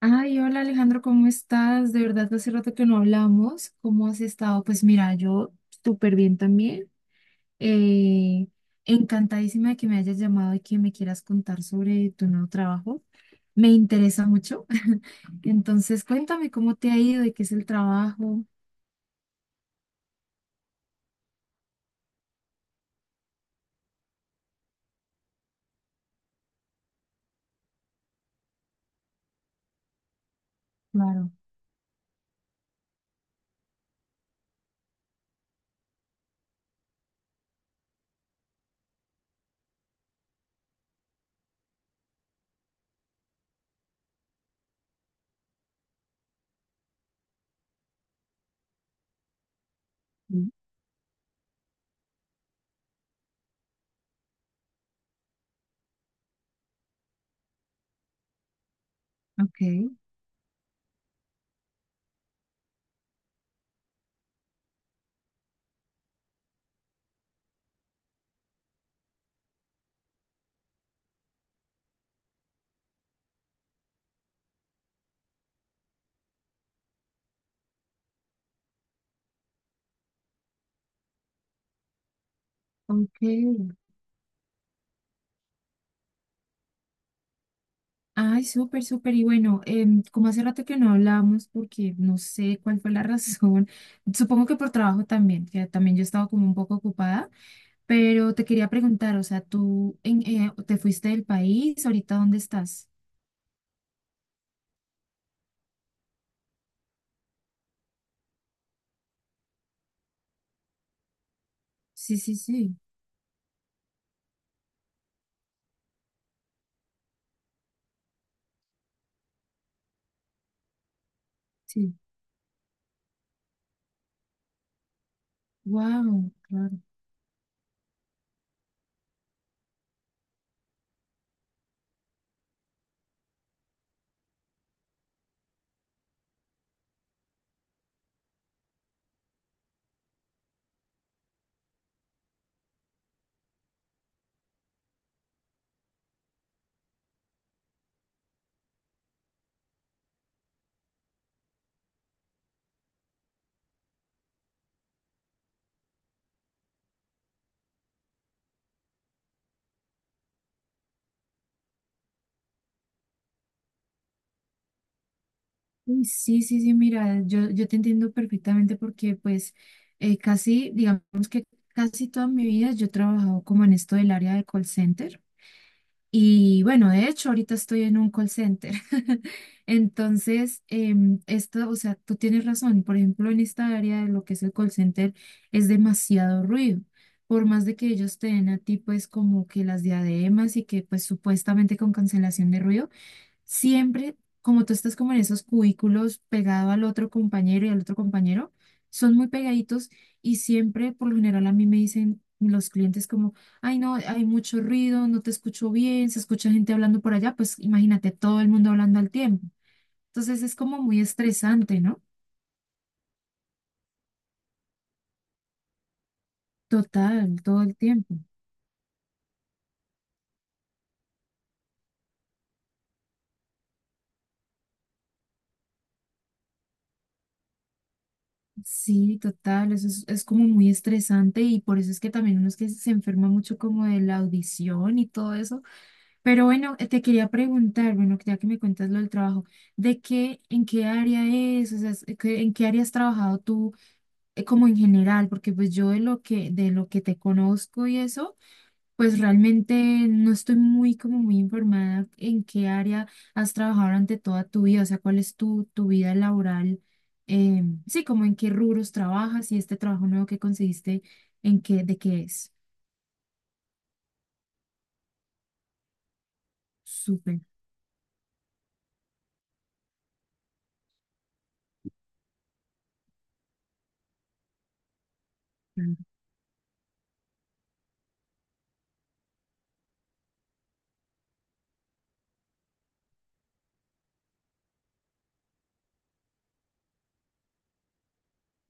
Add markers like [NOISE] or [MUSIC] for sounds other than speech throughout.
Ay, hola Alejandro, ¿cómo estás? De verdad, hace rato que no hablamos. ¿Cómo has estado? Pues mira, yo súper bien también. Eh, Encantadísima de que me hayas llamado y que me quieras contar sobre tu nuevo trabajo. Me interesa mucho. [LAUGHS] Entonces, cuéntame cómo te ha ido y qué es el trabajo. Claro. Mm. Ok, ok. Ay, súper, súper. Y bueno, como hace rato que no hablamos, porque no sé cuál fue la [LAUGHS] razón, supongo que por trabajo también, que también yo estaba como un poco ocupada, pero te quería preguntar, o sea, ¿tú te fuiste del país? ¿Ahorita dónde estás? Sí, sí, sí, sí. Wow, claro. Uy, sí, sí, sí, mira, yo te entiendo perfectamente porque pues casi, digamos que casi toda mi vida yo he trabajado como en esto del área de call center. Y bueno, de hecho, ahorita estoy en un call center. [LAUGHS] Entonces, esto, o sea, tú tienes razón. Por ejemplo, en esta área de lo que es el call center, es demasiado ruido. Por más de que ellos te den a ti, pues, como que las diademas y que, pues, supuestamente con cancelación de ruido siempre, como tú estás como en esos cubículos pegado al otro compañero y al otro compañero, son muy pegaditos y siempre, por lo general, a mí me dicen los clientes como, ay, no, hay mucho ruido, no te escucho bien, se escucha gente hablando por allá, pues imagínate todo el mundo hablando al tiempo. Entonces es como muy estresante, ¿no? Total, todo el tiempo. Sí, total, eso es como muy estresante y por eso es que también uno es que se enferma mucho como de la audición y todo eso. Pero bueno, te quería preguntar, bueno, ya que me cuentas lo del trabajo, ¿ en qué área es? O sea, ¿en qué área has trabajado tú como en general? Porque pues yo de lo que te conozco y eso, pues realmente no estoy muy como muy informada en qué área has trabajado durante toda tu vida, o sea, cuál es tu vida laboral, sí, como en qué rubros trabajas y este trabajo nuevo que conseguiste, de qué es. Súper.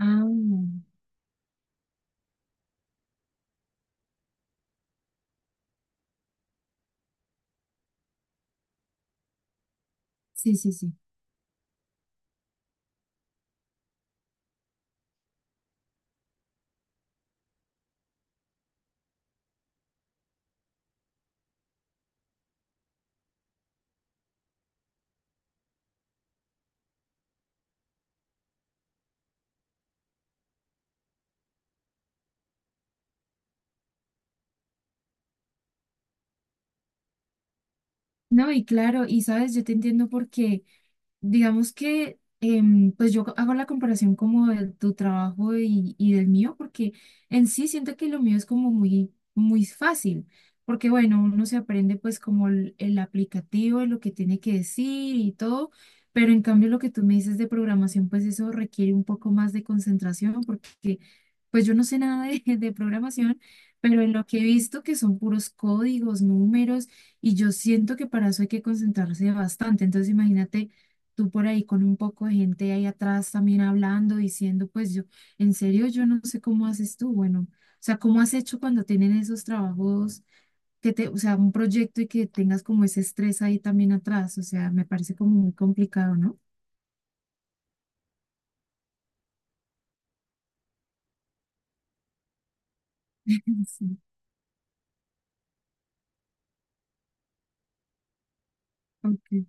Ah, sí, sí, sí. No, y claro, y sabes, yo te entiendo porque digamos que, pues yo hago la comparación como de tu trabajo y del mío, porque en sí siento que lo mío es como muy, muy fácil, porque bueno, uno se aprende pues como el aplicativo, lo que tiene que decir y todo, pero en cambio lo que tú me dices de programación, pues eso requiere un poco más de concentración, porque pues yo no sé nada de, [LAUGHS] de programación, pero en lo que he visto que son puros códigos, números, y yo siento que para eso hay que concentrarse bastante, entonces imagínate tú por ahí con un poco de gente ahí atrás también hablando, diciendo, pues yo, en serio, yo no sé cómo haces tú, bueno, o sea, ¿cómo has hecho cuando tienen esos trabajos que te, o sea, un proyecto y que tengas como ese estrés ahí también atrás? O sea, me parece como muy complicado, ¿no? [LAUGHS] Sí, ok,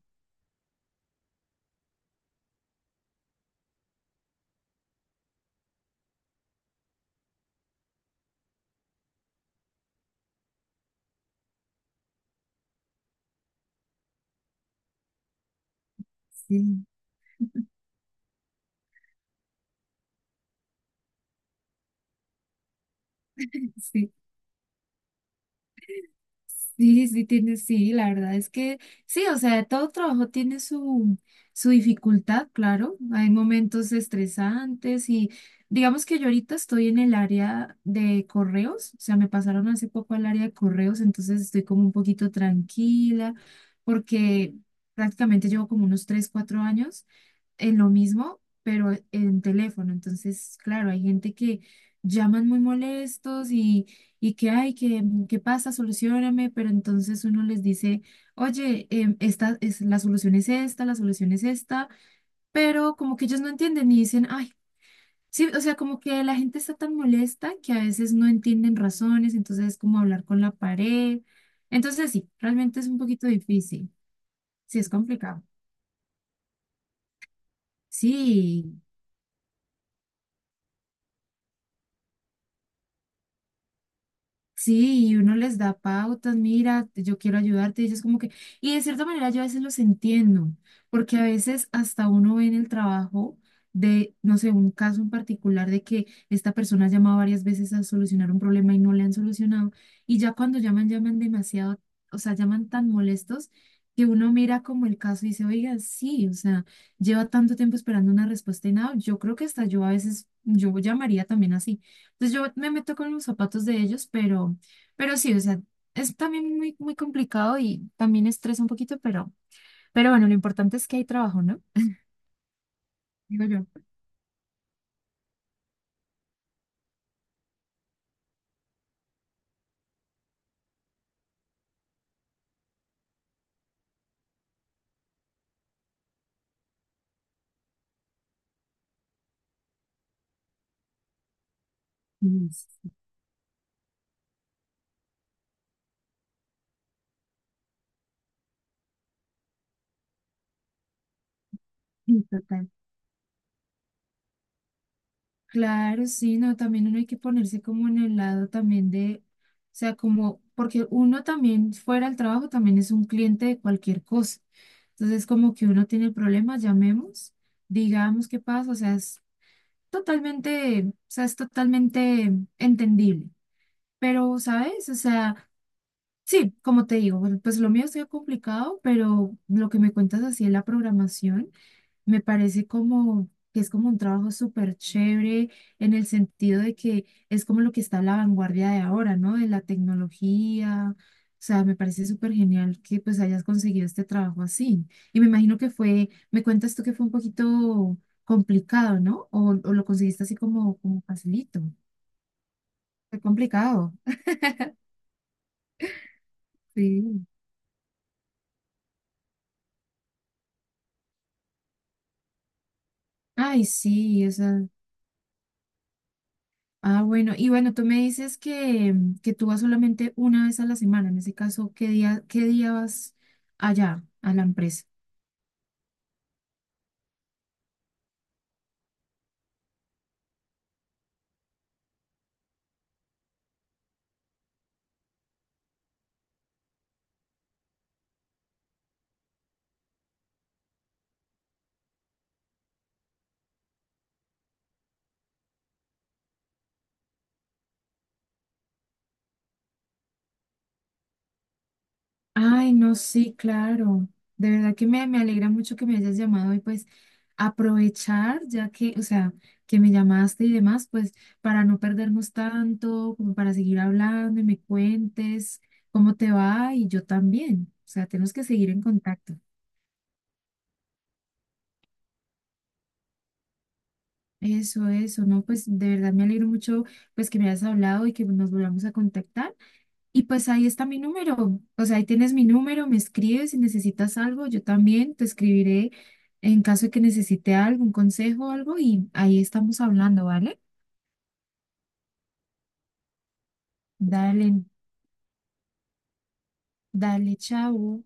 sí, sí. Sí, sí, tiene, sí, la verdad es que sí, o sea, todo trabajo tiene su, su dificultad, claro. Hay momentos estresantes y digamos que yo ahorita estoy en el área de correos, o sea, me pasaron hace poco al área de correos, entonces estoy como un poquito tranquila porque prácticamente llevo como unos 3 o 4 años en lo mismo, pero en teléfono. Entonces, claro, hay gente que llaman muy molestos y que, ay, que, ¿qué pasa? Solucióname, pero entonces uno les dice, oye, esta es, la solución es esta, la solución es esta, pero como que ellos no entienden y dicen, ay, sí, o sea, como que la gente está tan molesta que a veces no entienden razones, entonces es como hablar con la pared. Entonces, sí, realmente es un poquito difícil, sí, es complicado. Sí, sí, y uno les da pautas, mira, yo quiero ayudarte, y ellos como que, y de cierta manera yo a veces los entiendo, porque a veces hasta uno ve en el trabajo de, no sé, un caso en particular de que esta persona ha llamado varias veces a solucionar un problema y no le han solucionado, y ya cuando llaman, llaman demasiado, o sea, llaman tan molestos que uno mira como el caso y dice, oiga, sí, o sea, lleva tanto tiempo esperando una respuesta y nada, yo creo que hasta yo a veces, yo llamaría también así, entonces yo me meto con los zapatos de ellos, pero sí, o sea, es también muy, muy complicado y también estresa un poquito, pero bueno, lo importante es que hay trabajo, ¿no? Digo yo. Sí, sí, total. Claro, sí, no, también uno hay que ponerse como en el lado también de, o sea, como, porque uno también fuera al trabajo también es un cliente de cualquier cosa. Entonces, como que uno tiene el problema, llamemos, digamos qué pasa, o sea, es totalmente, o sea, es totalmente entendible. Pero, ¿sabes? O sea, sí, como te digo, bueno, pues lo mío está complicado, pero lo que me cuentas así en la programación me parece como que es como un trabajo súper chévere en el sentido de que es como lo que está a la vanguardia de ahora, ¿no? De la tecnología. O sea, me parece súper genial que pues hayas conseguido este trabajo así. Y me imagino que fue, me cuentas tú que fue un poquito complicado, ¿no? O lo conseguiste así como, como facilito. Fue complicado. [LAUGHS] Sí. Ay, sí, esa. Ah, bueno. Y bueno, tú me dices que, mm, que tú vas solamente una vez a la semana. En ese caso, qué día vas allá a la empresa? Ay, no, sí, claro. De verdad que me alegra mucho que me hayas llamado y pues aprovechar, ya que, o sea, que me llamaste y demás, pues para no perdernos tanto, como para seguir hablando y me cuentes cómo te va y yo también. O sea, tenemos que seguir en contacto. Eso, no, pues de verdad me alegro mucho pues que me hayas hablado y que nos volvamos a contactar. Y pues ahí está mi número, o sea, ahí tienes mi número, me escribes si necesitas algo, yo también te escribiré en caso de que necesite algo, un consejo o algo y ahí estamos hablando, ¿vale? Dale, dale, chao.